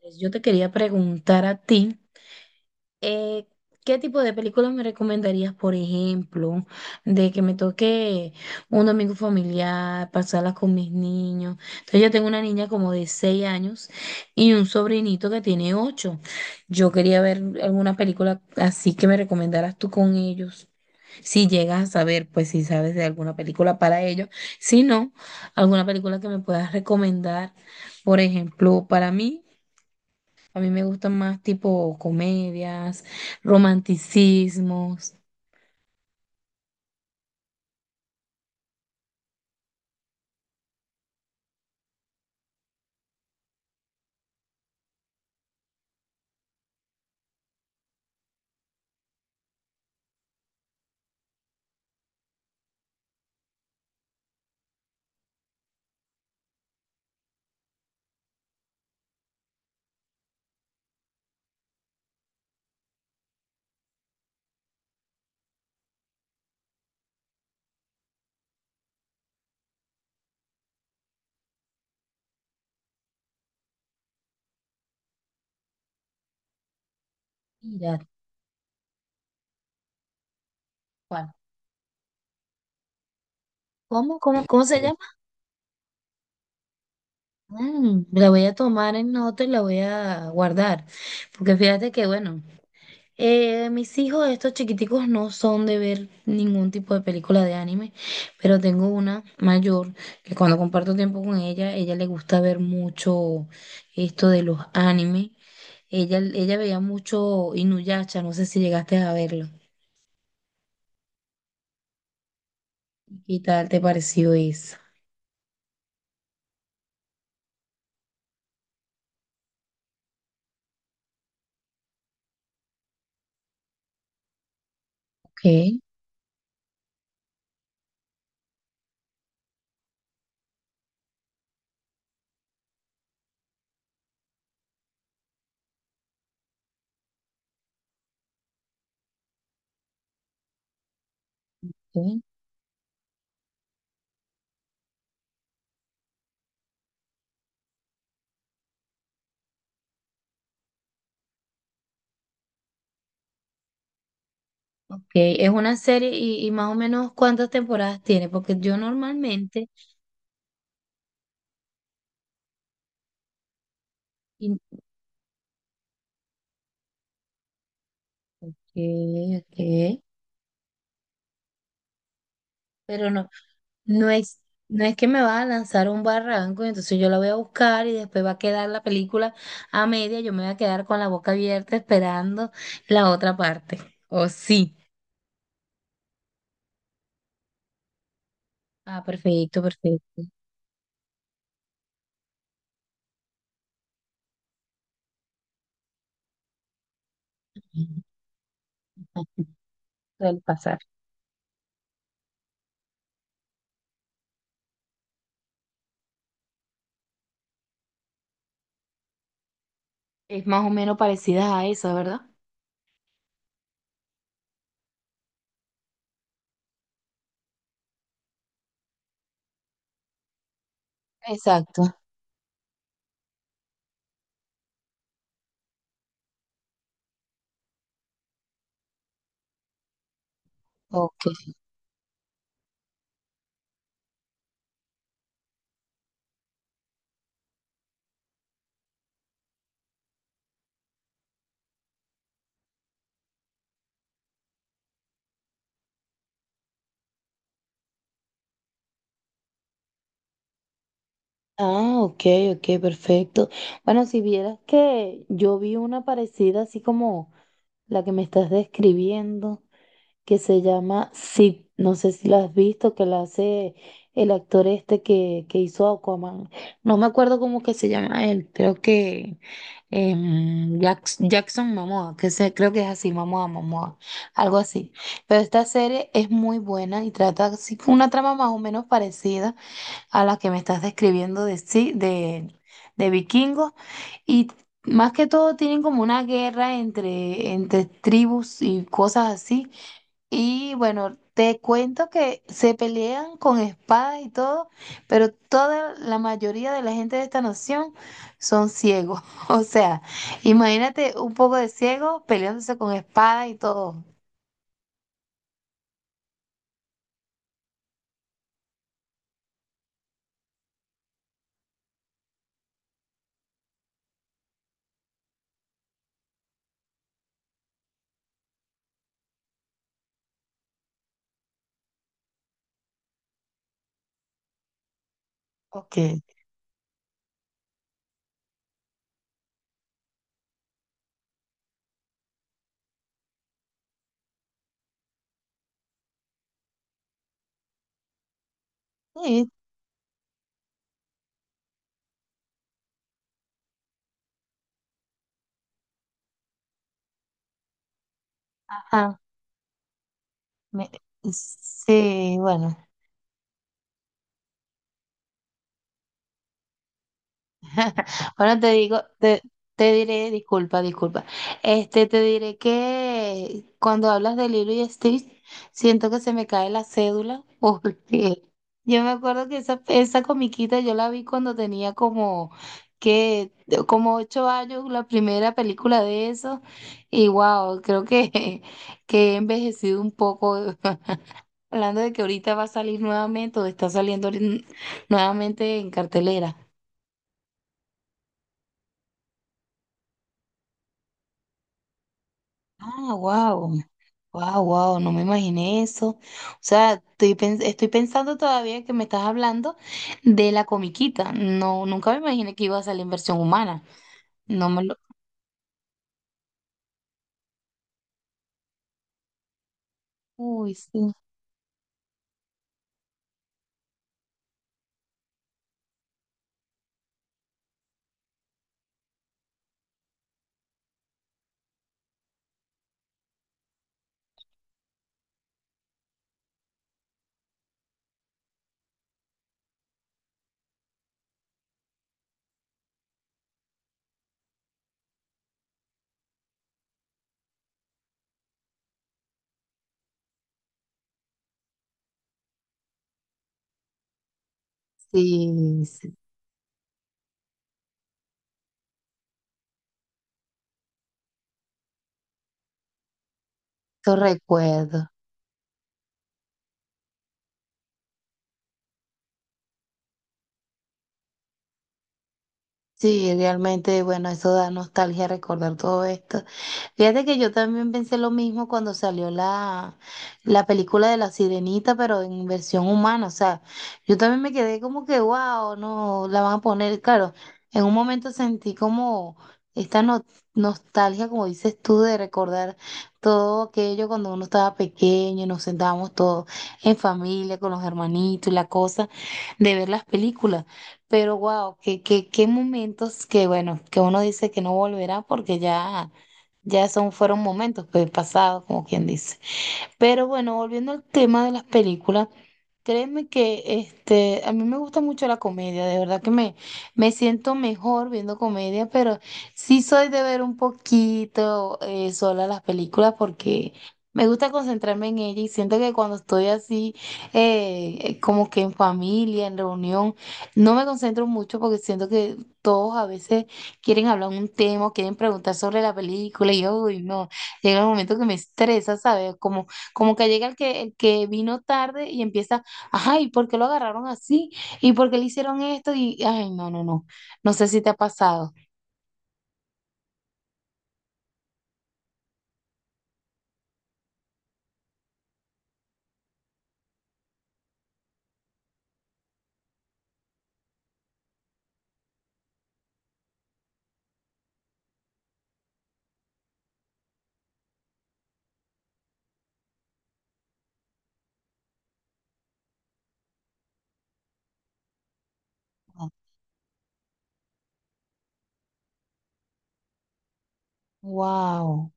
Pues yo te quería preguntar a ti, eh, ¿qué tipo de películas me recomendarías? Por ejemplo, de que me toque un domingo familiar, pasarlas con mis niños. Entonces yo tengo una niña como de 6 años y un sobrinito que tiene 8. Yo quería ver alguna película así que me recomendaras tú con ellos. Si llegas a saber, pues si sabes de alguna película para ellos. Si no, alguna película que me puedas recomendar, por ejemplo, para mí. A mí me gustan más tipo comedias, romanticismos. Mira, ¿cuál? ¿Cómo se llama? Mm, la voy a tomar en nota y la voy a guardar. Porque fíjate que, bueno, mis hijos, estos chiquiticos, no son de ver ningún tipo de película de anime. Pero tengo una mayor que, cuando comparto tiempo con ella, ella le gusta ver mucho esto de los animes. Ella veía mucho Inuyasha, no sé si llegaste a verlo. ¿Qué tal te pareció eso? Ok, ok, ok. Es una serie y, más o menos ¿cuántas temporadas tiene? Porque yo normalmente, y- ok, ok, pero no, no es, no es que me va a lanzar un barranco, y entonces yo la voy a buscar y después va a quedar la película a media, yo me voy a quedar con la boca abierta esperando la otra parte. ¿O sí? Ah, perfecto, perfecto. Suele pasar. Es más o menos parecida a esa, ¿verdad? Exacto. Ok. Ah, ok, ok, perfecto. Bueno, si vieras que yo vi una parecida así como la que me estás describiendo, que se llama Sid, no sé si la has visto, que la hace el actor este que, hizo Aquaman. No me acuerdo cómo que se llama él, creo que Jackson Momoa, que se, creo que es así, Momoa, Momoa, algo así. Pero esta serie es muy buena y trata así con una trama más o menos parecida a las que me estás describiendo de, de vikingos. Y más que todo tienen como una guerra entre, tribus y cosas así. Y bueno, te cuento que se pelean con espadas y todo, pero toda la mayoría de la gente de esta nación son ciegos. O sea, imagínate un poco de ciegos peleándose con espadas y todo. Ok. Sí, ajá. me- Sí, bueno. Bueno, te digo, te diré, disculpa, disculpa. Este, te diré que cuando hablas de Lilo y Stitch, siento que se me cae la cédula, porque yo me acuerdo que esa comiquita yo la vi cuando tenía como, que, como 8 años, la primera película de eso, y wow, creo que, que he envejecido un poco. Hablando de que ahorita va a salir nuevamente, o está saliendo ahorita nuevamente en cartelera. Ah, wow. Wow, wow, no me imaginé eso. O sea, estoy, estoy pensando todavía que me estás hablando de la comiquita. No, nunca me imaginé que iba a salir en versión humana. No me lo. Uy, sí, sí, sí, lo recuerdo. Sí, realmente, bueno, eso da nostalgia recordar todo esto. Fíjate que yo también pensé lo mismo cuando salió la, película de La Sirenita, pero en versión humana. O sea, yo también me quedé como que, wow, no, la van a poner, claro, en un momento sentí como esta no- nostalgia, como dices tú, de recordar todo aquello cuando uno estaba pequeño y nos sentábamos todos en familia, con los hermanitos y la cosa, de ver las películas. Pero wow, qué momentos. Que bueno, que uno dice que no volverá, porque ya, fueron momentos pues pasados, como quien dice. Pero bueno, volviendo al tema de las películas. Créeme que, este, a mí me gusta mucho la comedia, de verdad que me siento mejor viendo comedia, pero sí soy de ver un poquito, sola, las películas, porque me gusta concentrarme en ella y siento que cuando estoy así, como que en familia, en reunión, no me concentro mucho, porque siento que todos a veces quieren hablar un tema, o quieren preguntar sobre la película y yo, uy, no, llega un momento que me estresa, ¿sabes? Como, como que llega el que vino tarde y empieza... Ajá, ¿y por qué lo agarraron así? ¿Y por qué le hicieron esto? Y ay, no, no, no. No sé si te ha pasado. Wow.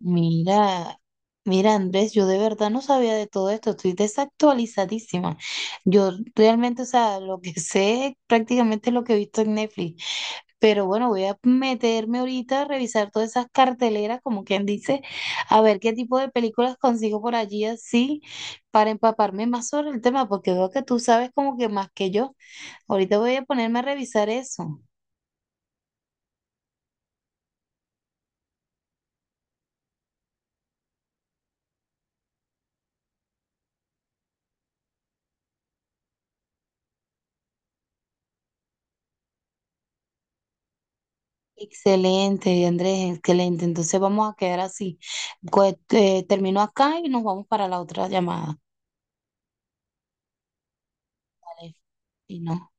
Mira, mira, Andrés, yo de verdad no sabía de todo esto. Estoy desactualizadísima. Yo realmente, o sea, lo que sé prácticamente es lo que he visto en Netflix. Pero bueno, voy a meterme ahorita a revisar todas esas carteleras, como quien dice, a ver qué tipo de películas consigo por allí así, para empaparme más sobre el tema, porque veo que tú sabes como que más que yo. Ahorita voy a ponerme a revisar eso. Excelente, Andrés, excelente. Entonces vamos a quedar así. Pues, termino acá y nos vamos para la otra llamada. Vale. Y no.